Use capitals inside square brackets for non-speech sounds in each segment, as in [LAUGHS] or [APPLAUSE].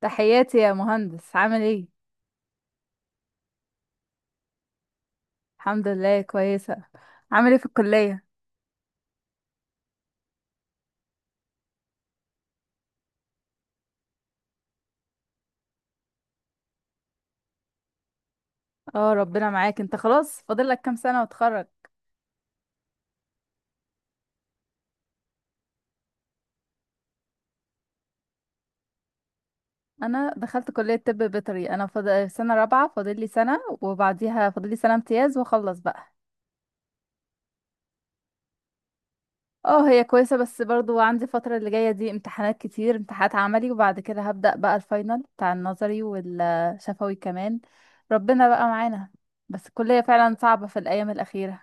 تحياتي يا مهندس، عامل ايه؟ الحمد لله، كويسه. عامل ايه في الكليه؟ اه، ربنا معاك، انت خلاص فاضل لك كام سنه وتخرج؟ انا دخلت كليه طب بيطري، انا فاضل سنه رابعه، فاضل لي سنه وبعديها فاضل لي سنه امتياز واخلص بقى. اه، هي كويسه، بس برضو عندي الفتره اللي جايه دي امتحانات كتير، امتحانات عملي، وبعد كده هبدا بقى الفاينل بتاع النظري والشفوي كمان. ربنا بقى معانا. بس الكليه فعلا صعبه في الايام الاخيره.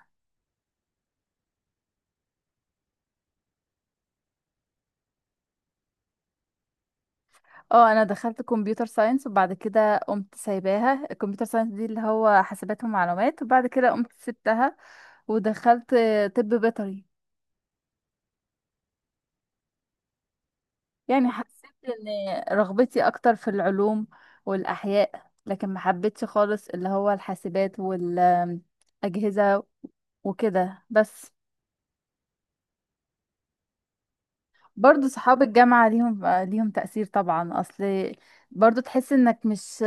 اه، انا دخلت كمبيوتر ساينس وبعد كده قمت سايباها، الكمبيوتر ساينس دي اللي هو حاسبات ومعلومات، وبعد كده قمت سبتها. ودخلت طب بيطري. يعني حسيت ان رغبتي اكتر في العلوم والاحياء، لكن ما حبيتش خالص اللي هو الحاسبات والاجهزة وكده بس. برضو صحاب الجامعة ليهم تأثير طبعا، أصل برضو تحس إنك مش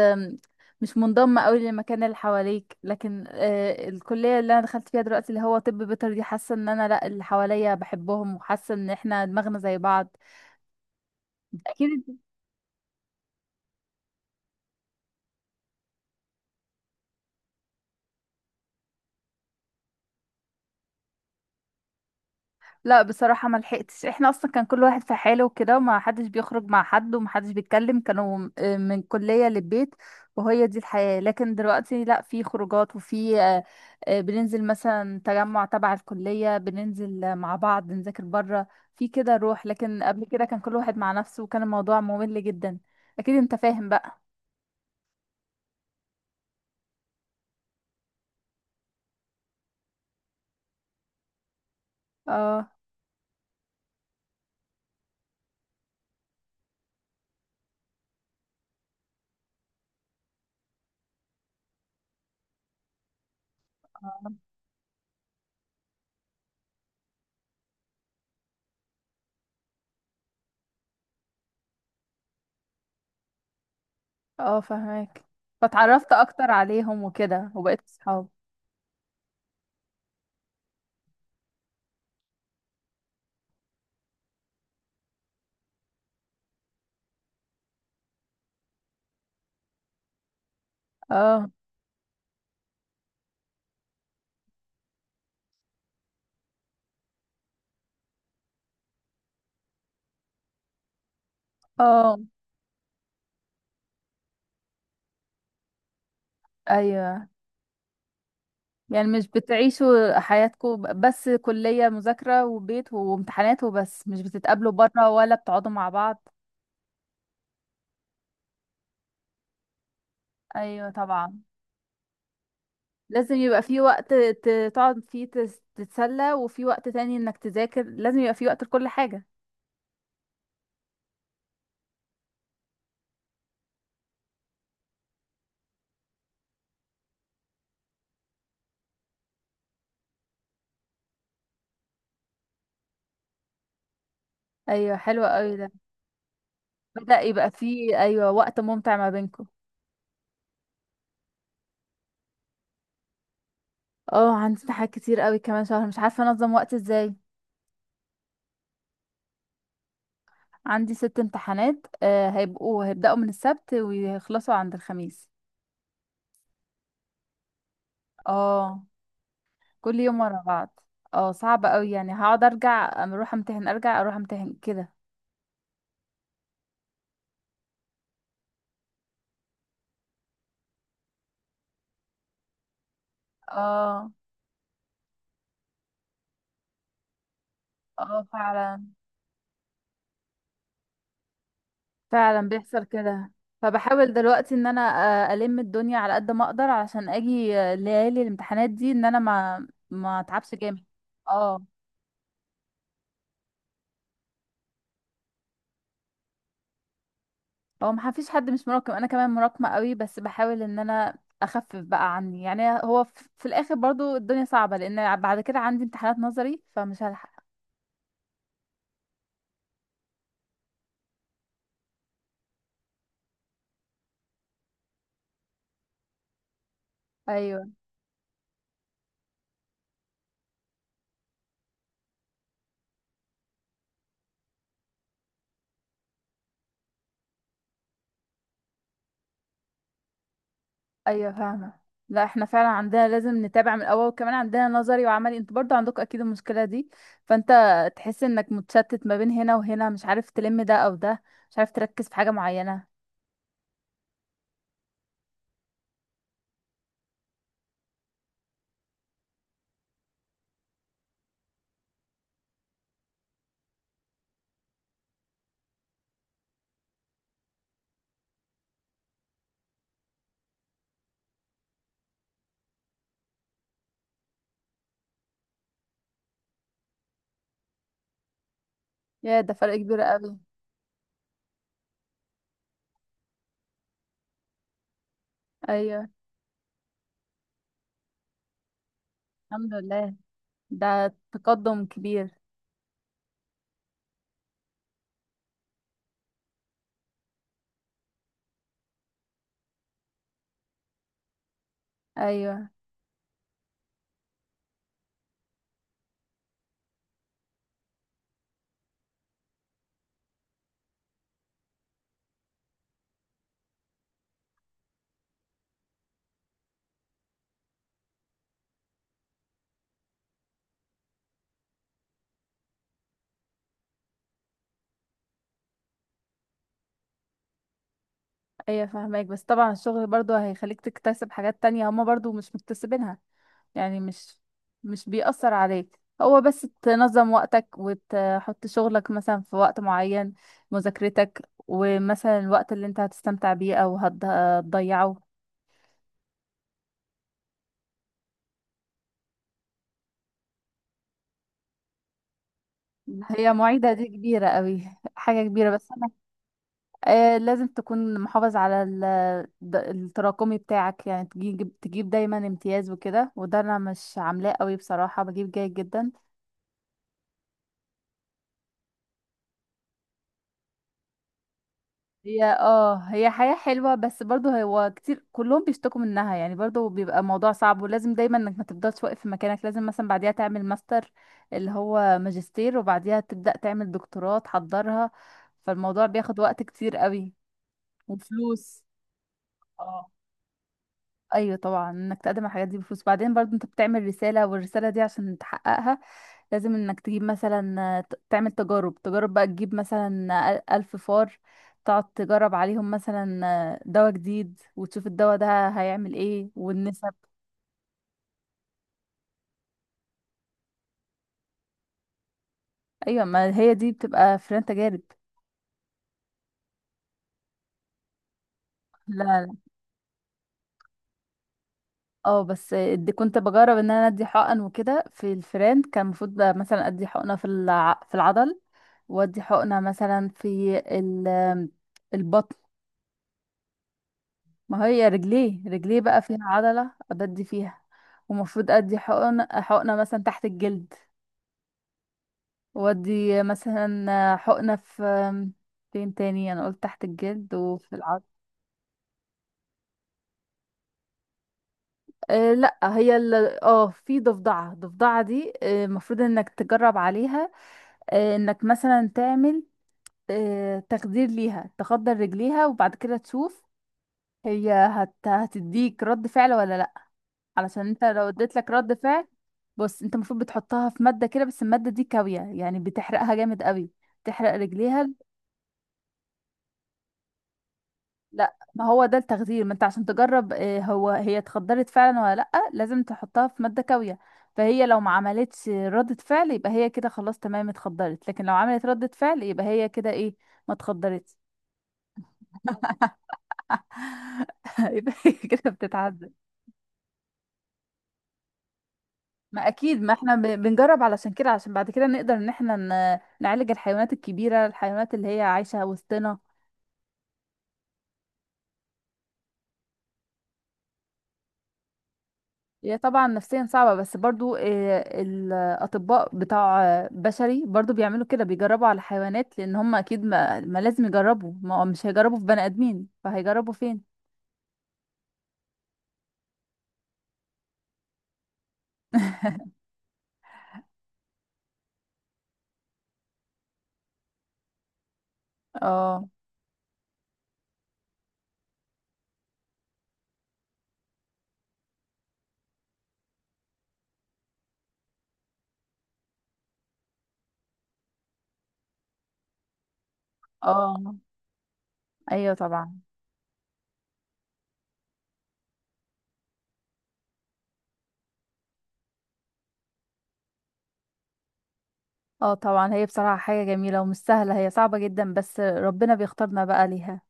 مش منضم أوي للمكان اللي حواليك، لكن الكلية اللي أنا دخلت فيها دلوقتي اللي هو طب بيطري دي، حاسة إن أنا لأ، اللي حواليا بحبهم، وحاسة إن إحنا دماغنا زي بعض. أكيد. لا، بصراحة ما لحقتش، احنا اصلا كان كل واحد في حاله وكده، وما حدش بيخرج مع حد وما حدش بيتكلم، كانوا من كلية للبيت. وهي دي الحياة، لكن دلوقتي لا، في خروجات وفي، بننزل مثلا تجمع تبع الكلية، بننزل مع بعض نذاكر بره. في كده روح، لكن قبل كده كان كل واحد مع نفسه وكان الموضوع ممل جدا. اكيد انت فاهم بقى. اه، اه، فاهمك. فاتعرفت اكتر عليهم وكده وبقيت اصحاب. اه، اه، ايوه. يعني مش بتعيشوا حياتكم بس كلية، مذاكرة وبيت وامتحانات وبس؟ مش بتتقابلوا بره ولا بتقعدوا مع بعض؟ ايوه طبعا. لازم يبقى في وقت تقعد فيه تتسلى، وفي وقت تاني انك تذاكر. لازم يبقى في وقت لكل حاجة. ايوه، حلوة قوي ده. بدأ يبقى في، ايوه، وقت ممتع ما بينكم. اه، عندي حاجات كتير قوي كمان شهر، مش عارفة انظم وقت ازاي. عندي ست امتحانات، هيبدأوا من السبت ويخلصوا عند الخميس. اه، كل يوم ورا بعض. اه، صعب قوي، يعني هقعد ارجع اروح امتحن، ارجع اروح امتحن كده. اه، اه، فعلا، فعلا بيحصل كده. فبحاول دلوقتي ان انا الم الدنيا على قد ما اقدر علشان اجي ليالي الامتحانات دي ان انا ما اتعبش جامد. اه، هو ما فيش حد مش مراقب، انا كمان مراكمه قوي، بس بحاول ان انا اخفف بقى عني، يعني هو في الاخر برضو الدنيا صعبه، لان بعد كده عندي امتحانات نظري فمش هلحق. ايوه، ايوه فاهمه. لا احنا فعلا عندنا لازم نتابع من الاول، وكمان عندنا نظري وعملي، انتوا برضو عندكم اكيد المشكله دي. فانت تحس انك متشتت ما بين هنا وهنا، مش عارف تلم ده او ده، مش عارف تركز في حاجه معينه. يا ده فرق كبير قوي. ايوه. الحمد لله، ده تقدم كبير. ايوه، ايوه فاهمك، بس طبعا الشغل برضو هيخليك تكتسب حاجات تانية هما برضو مش مكتسبينها. يعني مش بيأثر عليك، هو بس تنظم وقتك وتحط شغلك مثلا في وقت معين، مذاكرتك، ومثلا الوقت اللي انت هتستمتع بيه او هتضيعه. هي معيدة دي كبيرة قوي، حاجة كبيرة، بس انا لازم تكون محافظ على التراكمي بتاعك، يعني تجيب دايما امتياز وكده، وده انا مش عاملاه قوي بصراحة، بجيب جيد جدا. هي اه، هي حياة حلوة، بس برضو هو كتير كلهم بيشتكوا منها، يعني برضو بيبقى موضوع صعب، ولازم دايما انك ما تفضلش واقف في مكانك، لازم مثلا بعديها تعمل ماستر، اللي هو ماجستير، وبعديها تبدأ تعمل دكتوراه تحضرها. فالموضوع بياخد وقت كتير قوي. وفلوس. اه. ايوه طبعا، انك تقدم على الحاجات دي بفلوس، بعدين برضو انت بتعمل رسالة، والرسالة دي عشان تحققها لازم انك تجيب مثلا تعمل تجارب بقى تجيب مثلا ألف فار، تقعد تجرب عليهم مثلا دواء جديد وتشوف الدواء ده هيعمل ايه والنسب. ايوه، ما هي دي بتبقى فيران تجارب. لا، لا. اه، بس دي كنت بجرب ان انا ادي حقن وكده في الفيران، كان المفروض بقى مثلا ادي حقنه في العضل، وادي حقنه مثلا في البطن. ما هي رجليه بقى فيها عضلة أبدي فيها. ومفروض أدي حقنة مثلا تحت الجلد، وأدي مثلا حقنة فين تاني؟ أنا قلت تحت الجلد وفي العضل. أه، لا، اه، في ضفدعة، الضفدعة دي المفروض انك تجرب عليها، انك مثلا تعمل، تخدير ليها، تخدر رجليها وبعد كده تشوف هي هتديك رد فعل ولا لا. علشان انت لو اديت لك رد فعل. بص، انت المفروض بتحطها في مادة كده، بس المادة دي كاوية، يعني بتحرقها جامد قوي، تحرق رجليها. لا، ما هو ده التخدير، ما انت عشان تجرب هي اتخدرت فعلا ولا لا، لازم تحطها في مادة كاوية، فهي لو ما عملتش ردة فعل يبقى هي كده خلاص تمام اتخدرت، لكن لو عملت ردة فعل يبقى هي كده ايه؟ ما اتخدرتش. [LAUGHS] يبقى هي كده بتتعدى. ما اكيد، ما احنا بنجرب علشان كده، علشان بعد كده نقدر ان احنا نعالج الحيوانات الكبيره، الحيوانات اللي هي عايشه وسطنا. هي طبعا نفسيا صعبه، بس برضو الاطباء بتاع بشري برضو بيعملوا كده، بيجربوا على حيوانات، لان هم اكيد ما لازم يجربوا، ما هو مش هيجربوا في بني ادمين فهيجربوا فين. [LAUGHS] اه، اه، ايوه طبعا. اه طبعا، هي بصراحه حاجه جميله ومش سهله، هي صعبه جدا، بس ربنا بيختارنا بقى ليها.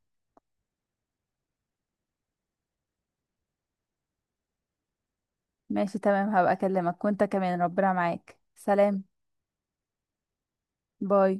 ماشي، تمام، هبقى اكلمك، وانت كمان ربنا معاك، سلام. باي.